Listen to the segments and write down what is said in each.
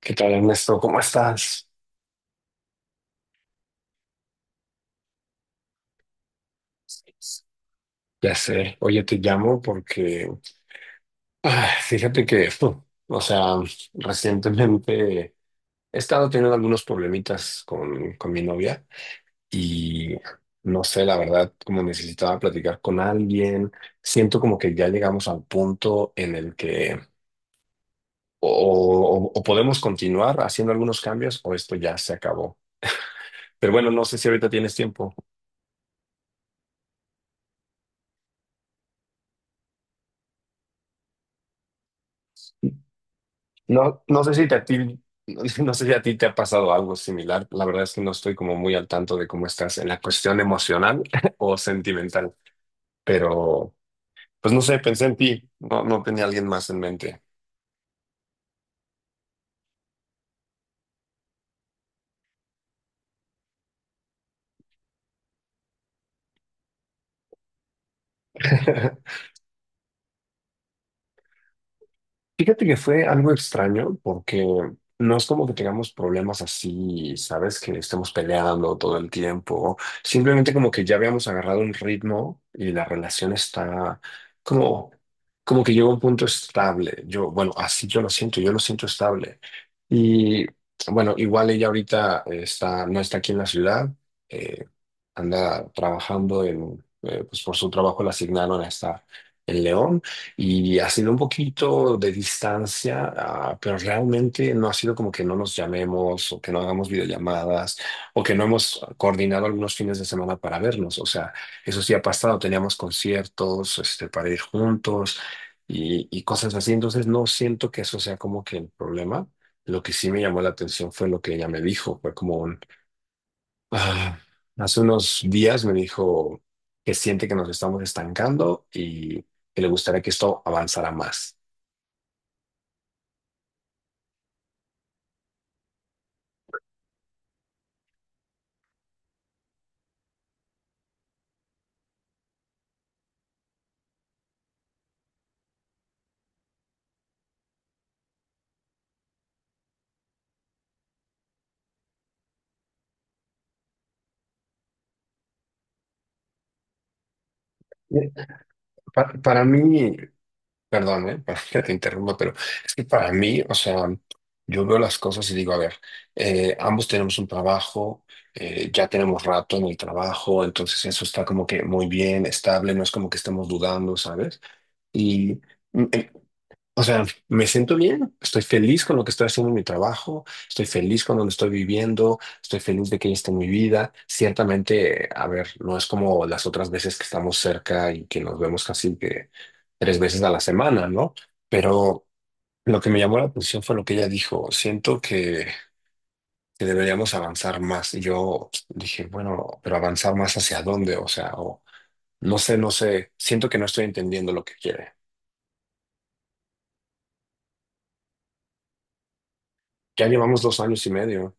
¿Qué tal, Ernesto? ¿Cómo estás? Ya sé, oye, te llamo porque, fíjate que, o sea, recientemente he estado teniendo algunos problemitas con mi novia y no sé, la verdad, como necesitaba platicar con alguien, siento como que ya llegamos al punto en el que o, o podemos continuar haciendo algunos cambios o esto ya se acabó. Pero bueno, no sé si ahorita tienes tiempo. No sé si te, a ti, no sé si a ti te ha pasado algo similar. La verdad es que no estoy como muy al tanto de cómo estás en la cuestión emocional o sentimental, pero pues no sé, pensé en ti. No tenía alguien más en mente. Fíjate que fue algo extraño porque no es como que tengamos problemas así, ¿sabes? Que estemos peleando todo el tiempo. Simplemente como que ya habíamos agarrado un ritmo y la relación está como, como que llegó a un punto estable. Yo, bueno, así yo lo siento estable. Y bueno, igual ella ahorita está, no está aquí en la ciudad, eh, anda trabajando en, pues por su trabajo la asignaron a estar en León y ha sido un poquito de distancia, pero realmente no ha sido como que no nos llamemos o que no hagamos videollamadas o que no hemos coordinado algunos fines de semana para vernos. O sea, eso sí ha pasado, teníamos conciertos, este, para ir juntos y cosas así. Entonces no siento que eso sea como que el problema. Lo que sí me llamó la atención fue lo que ella me dijo, fue como un Ah, hace unos días me dijo que siente que nos estamos estancando y que le gustaría que esto avanzara más. Eh, Para mí, perdón, para que te interrumpa, pero es que para mí, o sea, yo veo las cosas y digo, a ver, ambos tenemos un trabajo, ya tenemos rato en el trabajo, entonces eso está como que muy bien, estable, no es como que estemos dudando, ¿sabes? Y mm, eh, o sea, me siento bien, estoy feliz con lo que estoy haciendo en mi trabajo, estoy feliz con donde estoy viviendo, estoy feliz de que ella esté en mi vida. Ciertamente, a ver, no es como las otras veces que estamos cerca y que nos vemos casi que tres veces a la semana, ¿no? Pero lo que me llamó la atención fue lo que ella dijo, siento que deberíamos avanzar más. Y yo dije, bueno, pero avanzar más hacia dónde, o sea, o, no sé, siento que no estoy entendiendo lo que quiere. Ya llevamos dos años y medio.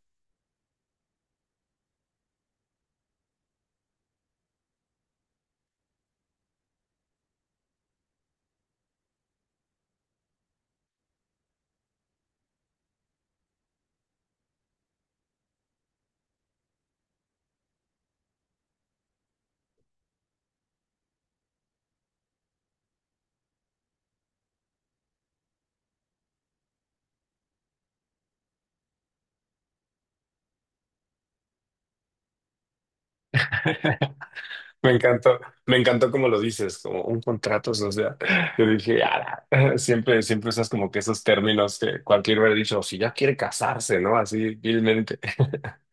Me encantó, me encantó como lo dices, como un contrato social. Yo dije, "Ala". Siempre usas como que esos términos que cualquier hubiera dicho, si ya quiere casarse, ¿no? Así vilmente.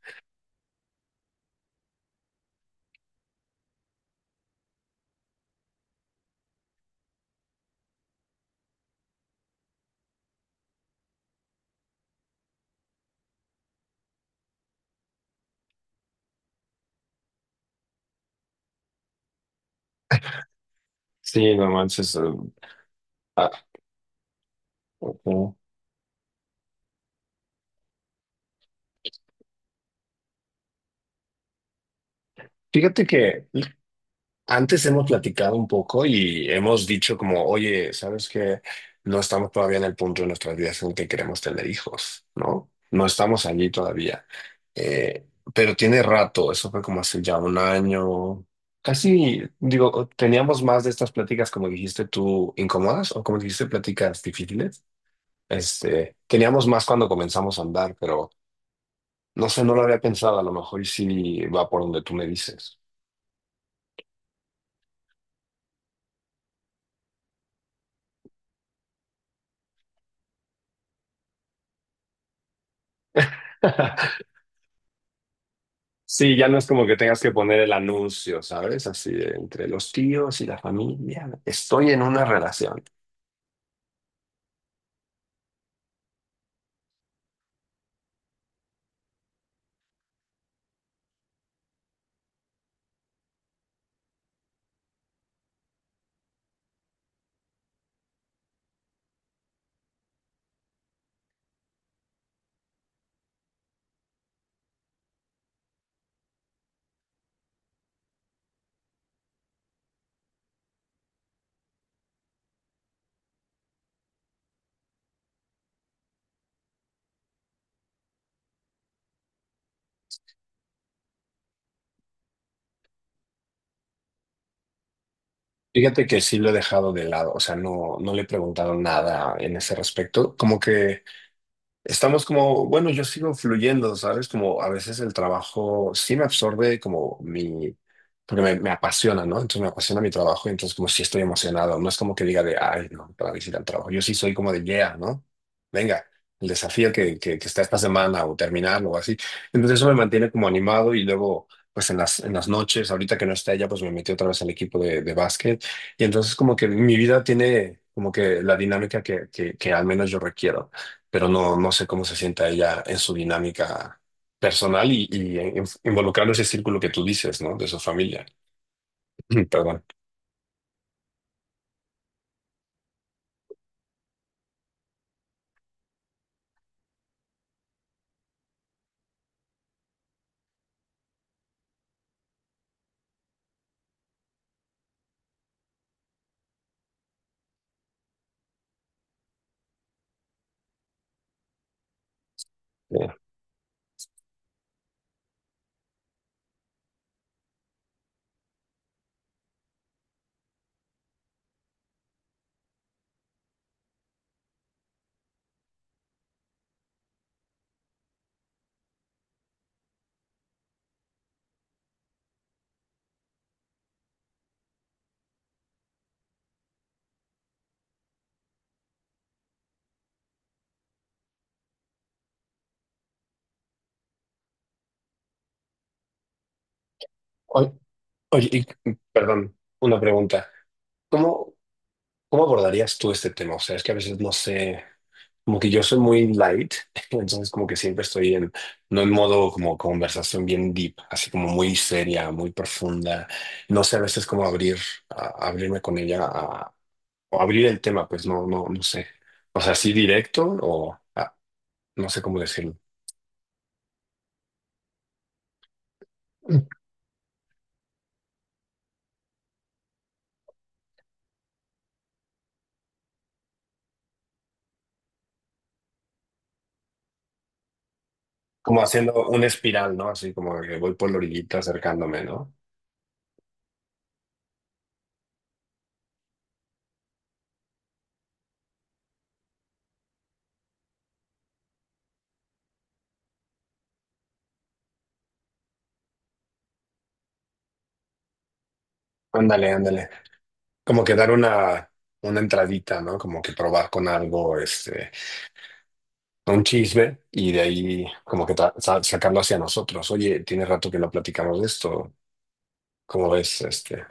Sí, no manches. Ah, ujú. Fíjate que Antes hemos platicado un poco y hemos dicho como, oye, ¿sabes qué? No estamos todavía en el punto de nuestras vidas en que queremos tener hijos, ¿no? No estamos allí todavía. Eh, pero tiene rato, eso fue como hace ya un año, casi, digo, teníamos más de estas pláticas, como dijiste tú, incómodas o como dijiste, pláticas difíciles. Este, teníamos más cuando comenzamos a andar, pero no sé, no lo había pensado, a lo mejor y sí va por donde tú me dices. Sí, ya no es como que tengas que poner el anuncio, ¿sabes? Así de entre los tíos y la familia. Estoy en una relación. Fíjate que sí lo he dejado de lado, o sea, no le he preguntado nada en ese respecto. Como que Estamos como, bueno, yo sigo fluyendo, ¿sabes? Como a veces el trabajo sí me absorbe como mi, porque me apasiona, ¿no? Entonces me apasiona mi trabajo, y entonces como si estoy emocionado, no es como que diga de, ay, no, para visitar el trabajo. Yo sí soy como de, yeah, ¿no? Venga, el desafío que está esta semana o terminarlo o así. Entonces eso me mantiene como animado y luego, pues en las noches, ahorita que no está ella, pues me metí otra vez al equipo de básquet y entonces como que mi vida tiene como que la dinámica que al menos yo requiero pero no, no sé cómo se sienta ella en su dinámica personal y en- involucrando ese círculo que tú dices, ¿no? De su familia. Perdón. Eh, oy- Oye, perdón, una pregunta. ¿Cómo, ¿cómo abordarías tú este tema? O sea, es que a veces no sé, como que yo soy muy light, entonces como que siempre estoy en, no en modo como conversación bien deep, así como muy seria, muy profunda. No sé a veces cómo abrir, abrirme con ella o abrir el tema, pues no sé. O sea, así directo no sé cómo decirlo. Como haciendo una espiral, ¿no? Así como que voy por la orillita acercándome, ¿no? Ándale, ándale. Como que dar una entradita, ¿no? Como que probar con algo, este, un chisme y de ahí como que sacarlo hacia nosotros. Oye, tiene rato que no platicamos de esto. ¿Cómo ves, este?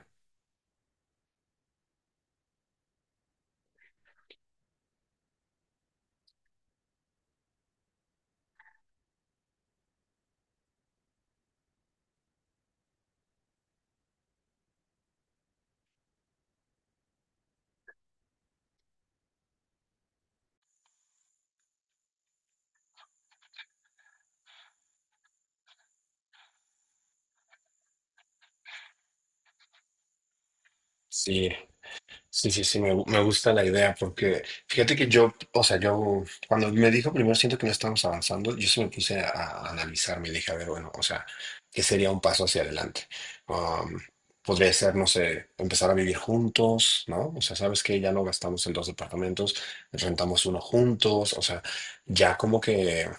Sí. Me gusta la idea porque fíjate que yo, o sea, yo cuando me dijo primero siento que no estamos avanzando, yo se me puse a analizar, me dije, a ver, bueno, o sea, ¿qué sería un paso hacia adelante? Um, podría ser, no sé, empezar a vivir juntos, ¿no? O sea, sabes que ya no gastamos en dos departamentos, rentamos uno juntos, o sea, ya como que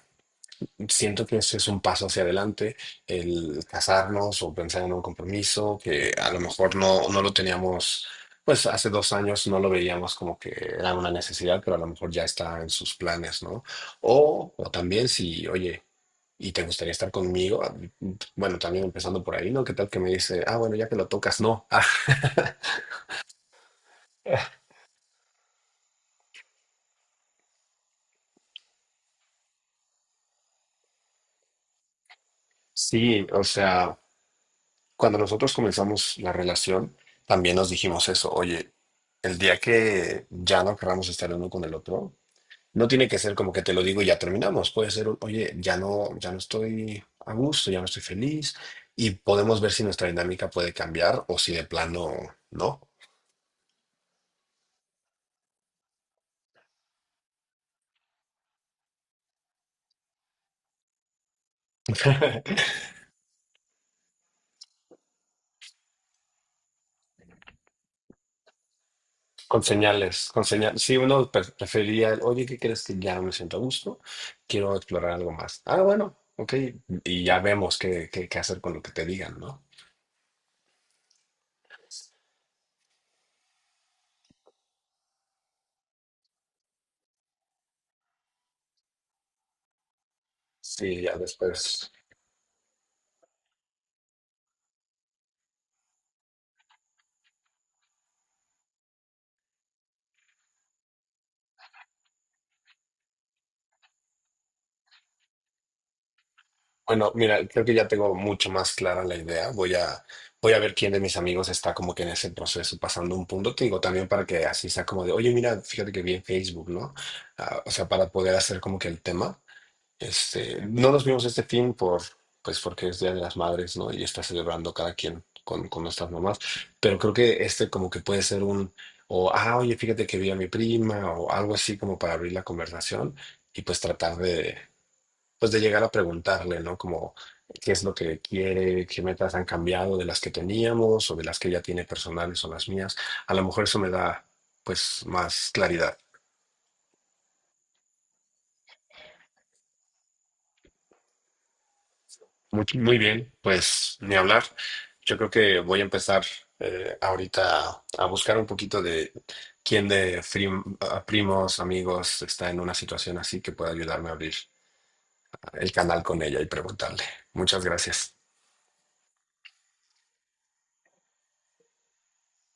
siento que eso es un paso hacia adelante, el casarnos o pensar en un compromiso que a lo mejor no lo teníamos, pues hace dos años no lo veíamos como que era una necesidad, pero a lo mejor ya está en sus planes, ¿no? O también si, oye, ¿y te gustaría estar conmigo? Bueno, también empezando por ahí, ¿no? ¿Qué tal que me dice, ah, bueno, ya que lo tocas, no? sí, o sea. Cuando nosotros comenzamos la relación, también nos dijimos eso, oye, el día que ya no queramos estar el uno con el otro, no tiene que ser como que te lo digo y ya terminamos, puede ser, un, oye, ya no estoy a gusto, ya no estoy feliz y podemos ver si nuestra dinámica puede cambiar o si de plano no. Con señales, con señales. Si uno prefería, el, oye, ¿qué crees que ya no me siento a gusto? Quiero explorar algo más. Ah, bueno, ok. Y ya vemos qué hacer con lo que te digan, ¿no? Sí, ya después. Bueno, mira, creo que ya tengo mucho más clara la idea. Voy a ver quién de mis amigos está como que en ese proceso, pasando un punto. Te digo también para que así sea como de, oye, mira, fíjate que vi en Facebook, ¿no? Ah, o sea, para poder hacer como que el tema. Este, no nos vimos este fin por, pues porque es Día de las Madres, ¿no? Y está celebrando cada quien con nuestras mamás. Pero creo que este como que puede ser un, o, ah, oye, fíjate que vi a mi prima, o algo así como para abrir la conversación y pues de llegar a preguntarle, ¿no? Como qué es lo que quiere, qué metas han cambiado de las que teníamos o de las que ella tiene personales o las mías. A lo mejor eso me da pues más claridad. Muy, muy bien, pues ni hablar. Yo creo que voy a empezar ahorita a buscar un poquito de quién a primos, amigos está en una situación así que pueda ayudarme a abrir el canal con ella y preguntarle. Muchas gracias.